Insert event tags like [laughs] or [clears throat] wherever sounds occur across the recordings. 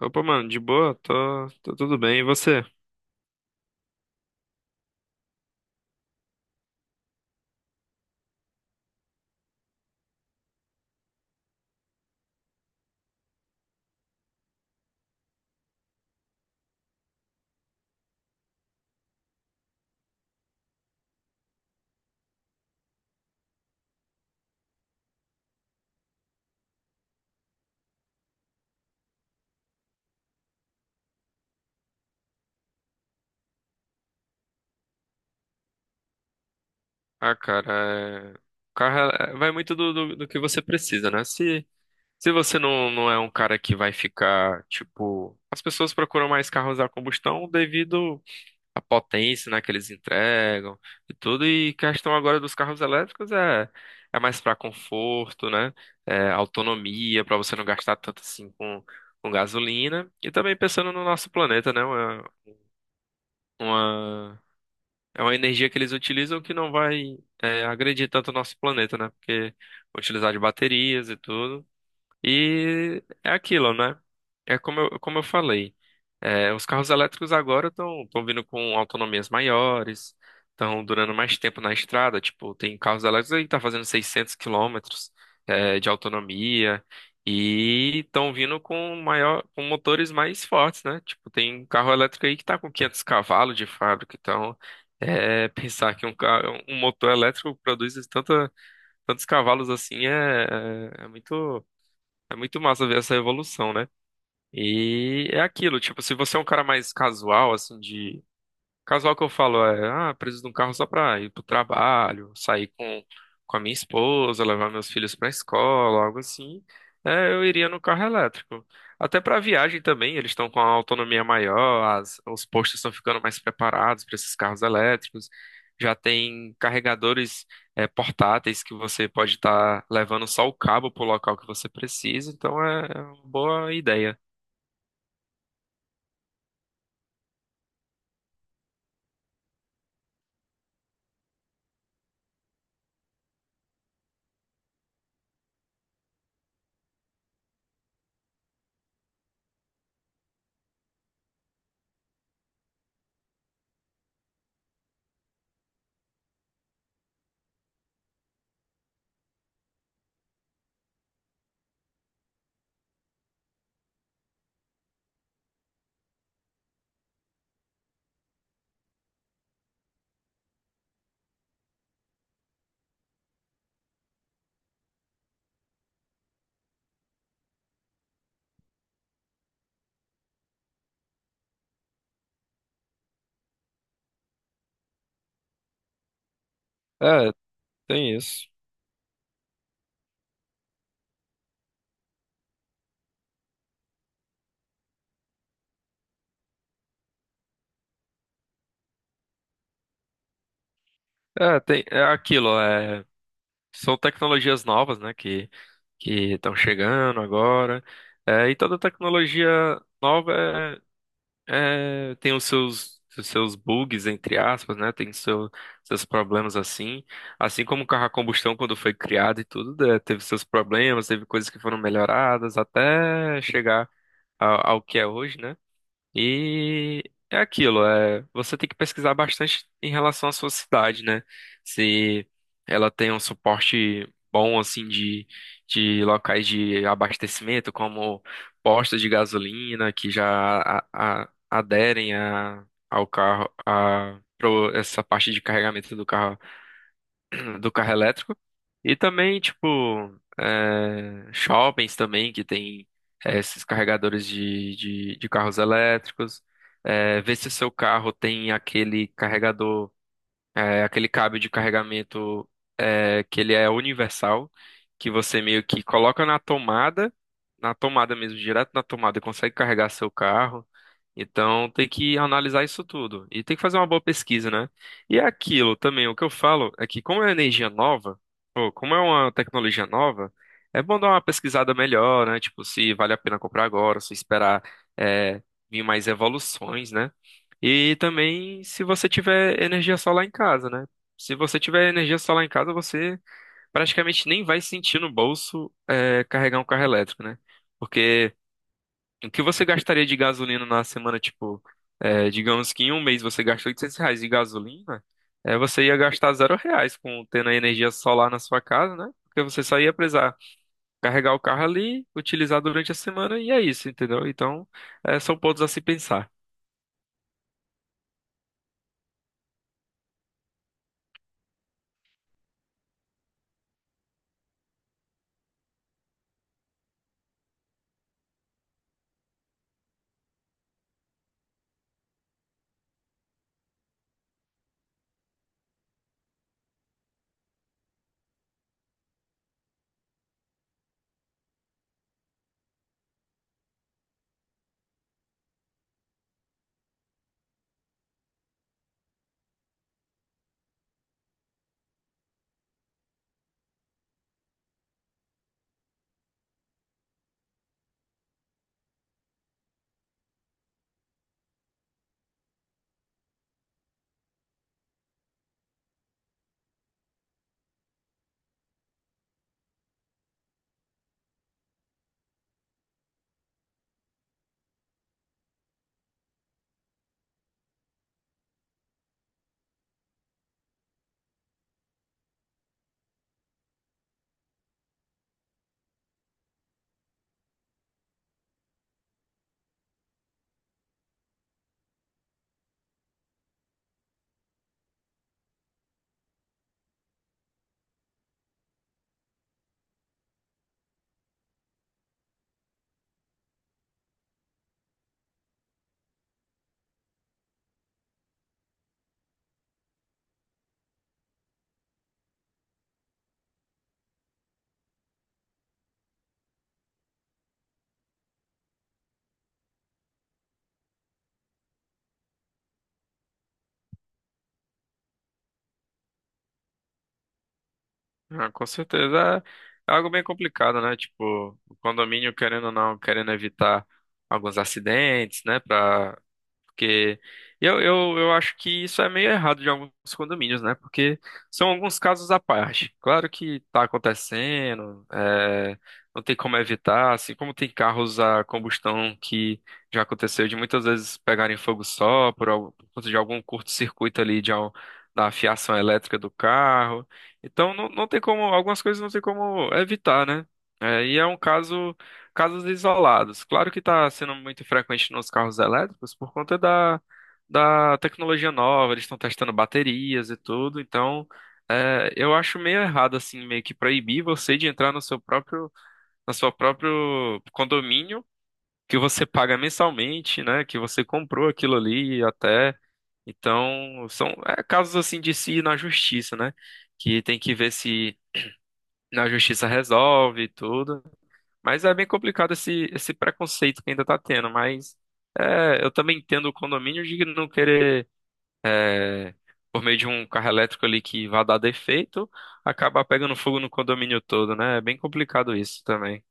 Opa, mano, de boa? Tô tudo bem. E você? Ah, cara, o carro vai muito do que você precisa, né? Se você não é um cara que vai ficar, tipo. As pessoas procuram mais carros a combustão devido à potência, né, que eles entregam e tudo. E questão agora dos carros elétricos é mais pra conforto, né? É autonomia, pra você não gastar tanto assim com gasolina. E também pensando no nosso planeta, né? Uma É uma energia que eles utilizam que não vai, agredir tanto o nosso planeta, né? Porque vão utilizar de baterias e tudo. E é aquilo, né? É como eu falei, os carros elétricos agora estão vindo com autonomias maiores, estão durando mais tempo na estrada. Tipo, tem carros elétricos aí que tá fazendo 600 quilômetros de autonomia e estão vindo com maior, com motores mais fortes, né? Tipo, tem carro elétrico aí que tá com 500 cavalos de fábrica. Então, [laughs] pensar que um motor elétrico produz tantos cavalos assim é muito massa ver essa evolução, né? E é aquilo, tipo, se você é um cara mais casual, assim, de Casual que eu falo é, preciso de um carro só pra ir pro trabalho, sair com a minha esposa, levar meus filhos pra escola, algo assim. Eu iria no carro elétrico. Até pra viagem também, eles estão com a autonomia maior, os postos estão ficando mais preparados para esses carros elétricos. Já tem carregadores, portáteis que você pode estar levando só o cabo pro local que você precisa, então é uma boa ideia. É, tem isso. É, tem, é aquilo. São tecnologias novas, né, que estão chegando agora. É, e toda tecnologia nova tem os seus bugs, entre aspas, né? Tem seus problemas assim. Assim como o carro a combustão, quando foi criado e tudo, né, teve seus problemas, teve coisas que foram melhoradas até chegar ao que é hoje, né? E é aquilo, você tem que pesquisar bastante em relação à sua cidade, né? Se ela tem um suporte bom, assim, de locais de abastecimento, como postos de gasolina, que já aderem ao carro, essa parte de carregamento do carro [clears throat] do carro elétrico. E também, tipo, shoppings também, que tem esses carregadores de carros elétricos. Ver se o seu carro tem aquele carregador. É aquele cabo de carregamento que ele é universal, que você meio que coloca na tomada mesmo, direto na tomada, e consegue carregar seu carro. Então tem que analisar isso tudo. E tem que fazer uma boa pesquisa, né? E é aquilo também, o que eu falo é que como é energia nova, ou como é uma tecnologia nova, é bom dar uma pesquisada melhor, né? Tipo, se vale a pena comprar agora, se esperar é, vir mais evoluções, né? E também se você tiver energia solar em casa, né? Se você tiver energia solar em casa, você praticamente nem vai sentir no bolso carregar um carro elétrico, né? Porque o que você gastaria de gasolina na semana, tipo, digamos que em um mês você gasta R$ 800 de gasolina, você ia gastar R$ 0 com tendo a energia solar na sua casa, né? Porque você só ia precisar carregar o carro ali, utilizar durante a semana e é isso, entendeu? Então, são pontos a se pensar. Ah, com certeza. É algo bem complicado, né? Tipo, o condomínio, querendo ou não, querendo evitar alguns acidentes, né? Pra Porque eu acho que isso é meio errado de alguns condomínios, né? Porque são alguns casos à parte. Claro que tá acontecendo, não tem como evitar, assim como tem carros a combustão que já aconteceu de muitas vezes pegarem fogo só por conta de algum curto-circuito ali da fiação elétrica do carro. Então não tem como, algumas coisas não tem como evitar, né? É, e é um caso. Casos isolados. Claro que está sendo muito frequente nos carros elétricos por conta da tecnologia nova, eles estão testando baterias e tudo, então eu acho meio errado assim, meio que proibir você de entrar no seu próprio condomínio que você paga mensalmente, né? Que você comprou aquilo ali até. Então, são casos assim de se ir na justiça, né? Que tem que ver se na justiça resolve e tudo. Mas é bem complicado esse preconceito que ainda tá tendo, mas eu também entendo o condomínio de não querer, é, por meio de um carro elétrico ali que vá dar defeito, acabar pegando fogo no condomínio todo, né? É bem complicado isso também.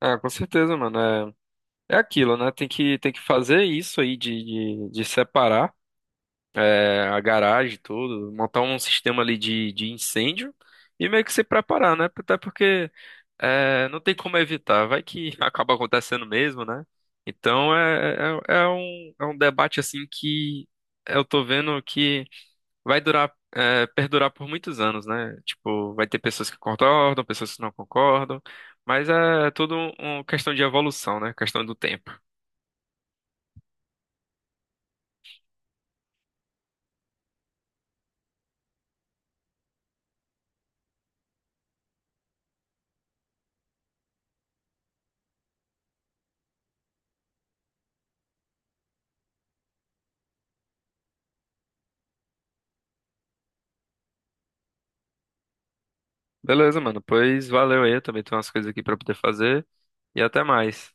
Ah, com certeza, mano. É aquilo, né? Tem que fazer isso aí de separar, a garagem, e tudo, montar um sistema ali de incêndio e meio que se preparar, né? Até porque. Não tem como evitar, vai que [laughs] acaba acontecendo mesmo, né? Então é um debate assim que eu tô vendo que vai perdurar por muitos anos, né? Tipo, vai ter pessoas que concordam, pessoas que não concordam, mas é tudo uma questão de evolução, né? Questão do tempo. Beleza, mano, pois valeu aí, eu também tenho umas coisas aqui pra poder fazer e até mais.